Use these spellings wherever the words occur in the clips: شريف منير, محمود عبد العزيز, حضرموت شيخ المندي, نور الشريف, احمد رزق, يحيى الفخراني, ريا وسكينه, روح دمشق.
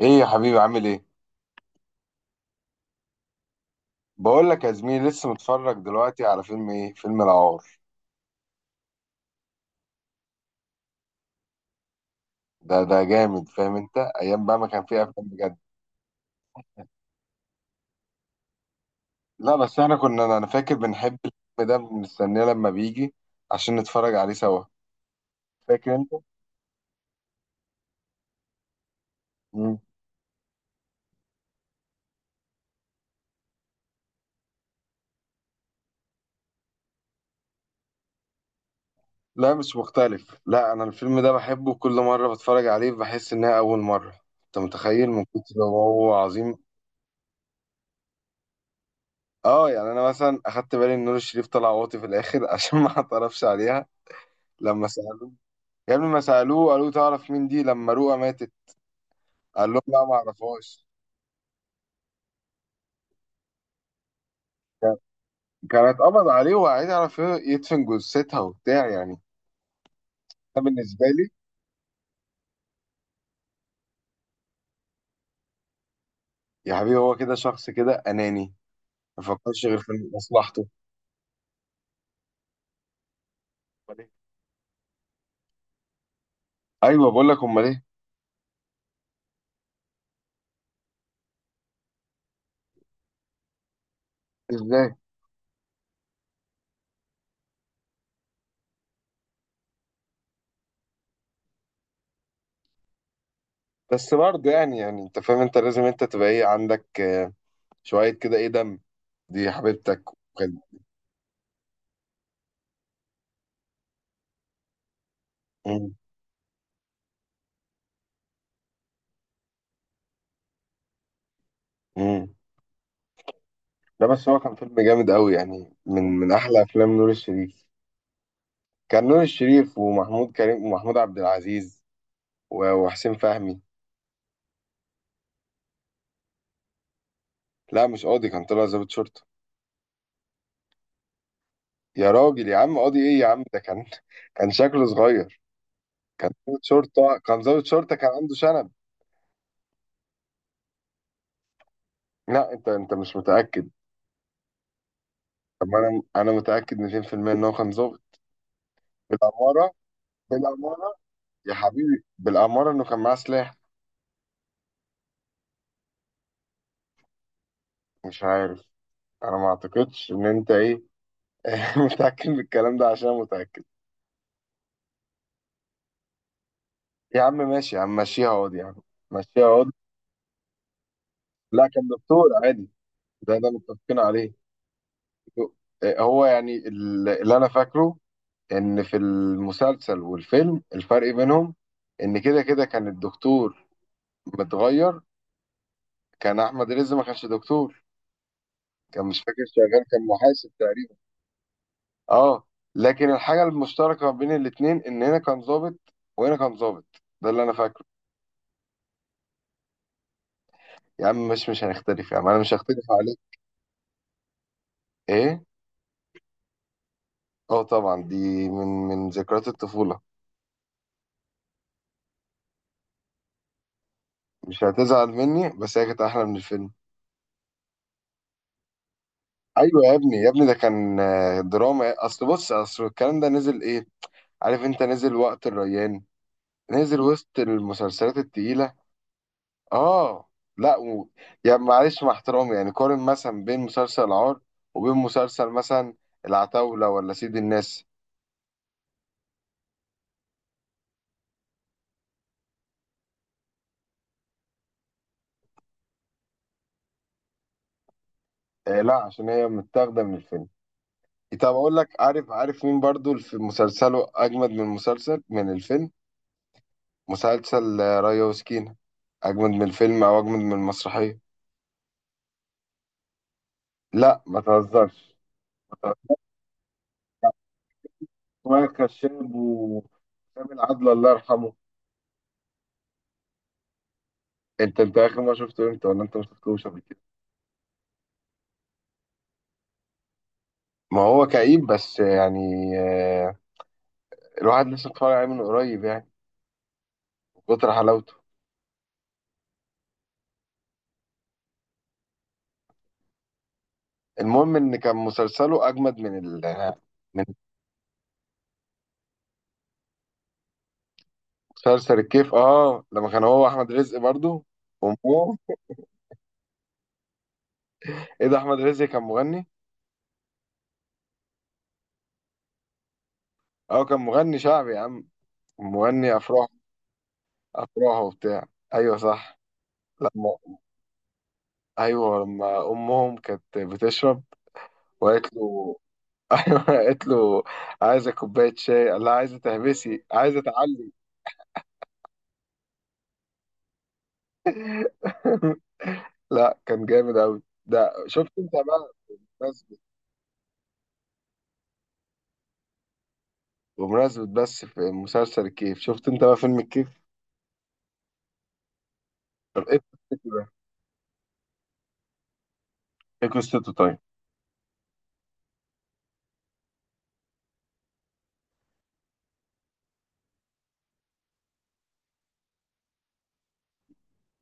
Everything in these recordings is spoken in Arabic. ايه يا حبيبي عامل ايه؟ بقول لك يا زميلي، لسه متفرج دلوقتي على فيلم ايه. فيلم العار. ده جامد، فاهم؟ انت ايام بقى ما كان فيه افلام بجد. لا بس احنا كنا، انا فاكر بنحب الفيلم ده، بنستناه لما بيجي عشان نتفرج عليه سوا. فاكر انت؟ مم. لا مش مختلف، لا انا الفيلم ده بحبه، كل مره بتفرج عليه بحس انها اول مره. انت متخيل من كتر ما هو عظيم. اه يعني انا مثلا اخدت بالي ان نور الشريف طلع واطي في الاخر عشان ما اعترفش عليها لما سألوه. يا ابني ما سألوه قالوا تعرف مين دي لما رؤى ماتت، قال لهم لا ما اعرفهاش. كان- كانت قبض عليه وعايز يعرف يدفن جثتها وبتاع يعني. انا بالنسبة لي، يا حبيبي هو كده، شخص كده أناني، ما فكرش غير في مصلحته. أمال إيه؟ ايوه بقول لك، امال ايه؟ ازاي؟ بس برضه يعني، انت فاهم، انت لازم انت تبقى ايه، عندك شوية كده ايه، دم. دي حبيبتك وكده. مم. مم. ده بس هو كان فيلم جامد قوي يعني، من احلى افلام نور الشريف. كان نور الشريف ومحمود كريم ومحمود عبد العزيز وحسين فهمي. لا مش قاضي، كان طلع ضابط شرطة. يا راجل يا عم، قاضي ايه يا عم، ده كان كان شكله صغير. كان ضابط شرطة، كان ضابط شرطة، كان عنده شنب. لا انت مش متأكد. طب ما انا متأكد 200% ان هو كان ضابط. بالأمارة. بالأمارة يا حبيبي، بالأمارة انه كان معاه سلاح. مش عارف، انا ما اعتقدش ان انت ايه متأكد بالكلام ده، عشان أنا متأكد. يا عم ماشي، يا عم مشيها قاضي يا عم، مشيها. لا كان دكتور عادي. ده متفقين عليه. هو يعني اللي انا فاكره، ان في المسلسل والفيلم الفرق بينهم ان كده كان الدكتور متغير. كان احمد رزق ما كانش دكتور، كان مش فاكر شغال، كان محاسب تقريبا. اه. لكن الحاجه المشتركه بين الاتنين ان هنا كان ظابط وهنا كان ظابط. ده اللي انا فاكره. يا عم مش هنختلف يا عم، انا مش هختلف عليك. ايه؟ اه طبعا، دي من ذكريات الطفوله. مش هتزعل مني، بس هي كانت احلى من الفيلم. ايوه يا ابني، ده كان دراما. اصل بص، اصل الكلام ده نزل ايه، عارف انت، نزل وقت الريان، نزل وسط المسلسلات التقيله. اه. لا يا معلش مع احترامي يعني، قارن مثلا بين مسلسل العار وبين مسلسل مثلا العتاوله ولا سيد الناس. آه لا، عشان هي متاخده من الفيلم. طب اقول لك، عارف مين برضو في مسلسله اجمد من مسلسل، من الفيلم؟ مسلسل ريا وسكينه، اجمد من الفيلم او اجمد من المسرحيه. لا ما تهزرش. وكشاب وسام العدل الله يرحمه. انت اخر ما شفته امتى، ولا انت ما شفتوش قبل كده؟ ما هو كئيب بس يعني، آه، الواحد لسه اتفرج عليه من قريب يعني، من كتر حلاوته. المهم ان كان مسلسله اجمد من ال، من مسلسل الكيف. اه لما كان هو احمد رزق برضو وامه. ايه ده، احمد رزق كان مغني؟ اه كان مغني شعبي يا عم، مغني افراح. افراح وبتاع. ايوه صح. لما ايوه لما امهم كانت بتشرب وقالت له، ايوه قالت له عايزه كوبايه شاي، قال لها عايزه تهبسي عايزه تعلي. لا كان جامد قوي ده، شفت انت بقى. بمناسبه بمناسبة، بس في مسلسل الكيف، شفت انت بقى فيلم الكيف؟ طب ايه قصته بقى، ايه قصته طيب.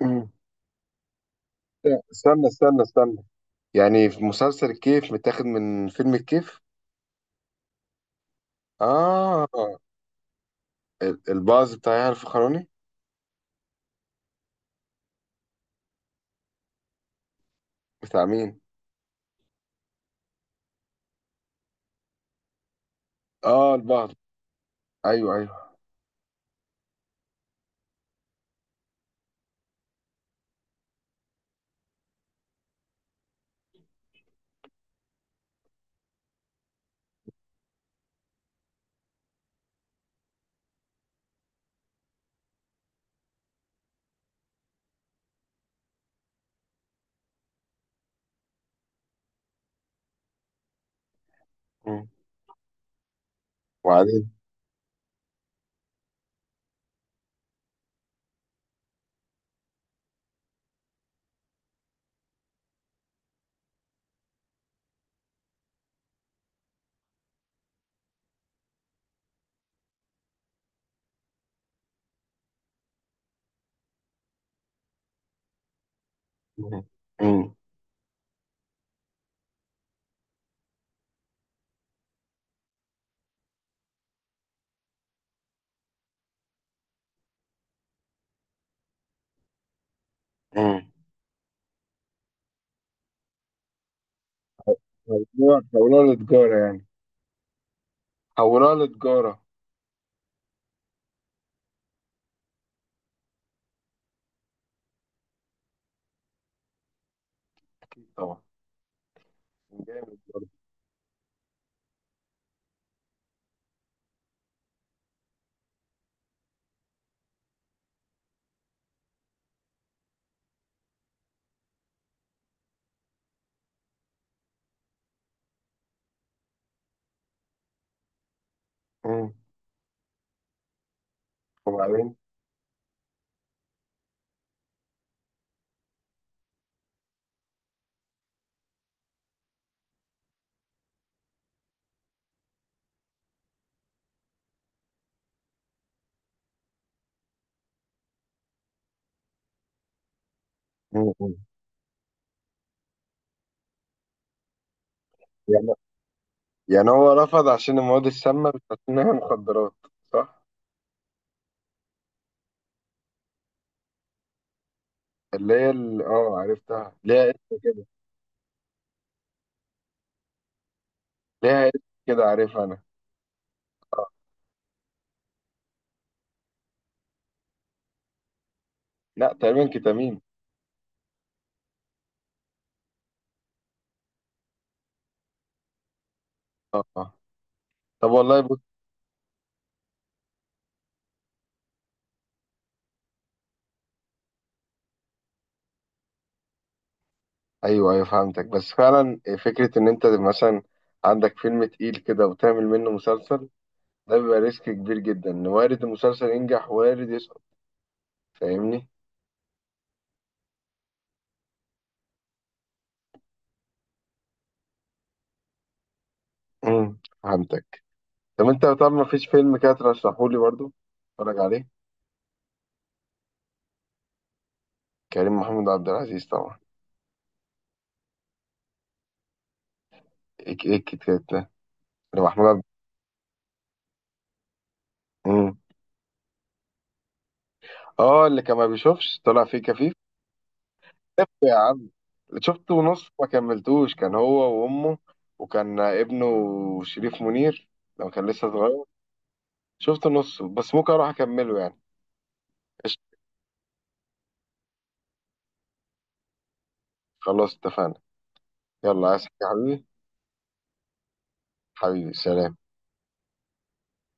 مم. استنى يعني في مسلسل الكيف متاخد من فيلم الكيف. اه. الباز بتاع يحيى الفخراني. بتاع مين؟ اه البعض. ايوه ايوه. مم. وبعدين؟ مم. مم. مم. موضوع التجارة يعني، حولها لتجارة. أكيد طبعا، جامد برضه. مم. وبعدين؟ مم. يعني هو رفض عشان المواد السامة مش عشان هي مخدرات، صح؟ اللي هي ال... اه عرفتها، ليها اسم كده. ليها اسم كده، عارفها أنا. آه. لا تقريبا كتامين. اه. آه. طب والله بص، ايوه ايوه فهمتك. بس فعلا فكرة ان انت مثلا عندك فيلم تقيل كده وتعمل منه مسلسل، ده بيبقى ريسك كبير جدا، ان وارد المسلسل ينجح وارد يسقط. فاهمني؟ مم. فهمتك. طب انت، طب ما فيش فيلم كده ترشحه لي برضه اتفرج عليه. كريم محمود عبد العزيز طبعا. ايك ايك، كده ده، اللي محمود عبد. مم. اه اللي كان ما بيشوفش، طلع فيه كفيف. يا عم شفته ونص ما كملتوش، كان هو وامه، وكان ابنه شريف منير لما كان لسه صغير. شفت نصه، بس ممكن اروح اكمله يعني. قشطة، خلاص اتفقنا. يلا عايز حاجة يا حبيبي؟ حبيبي سلام.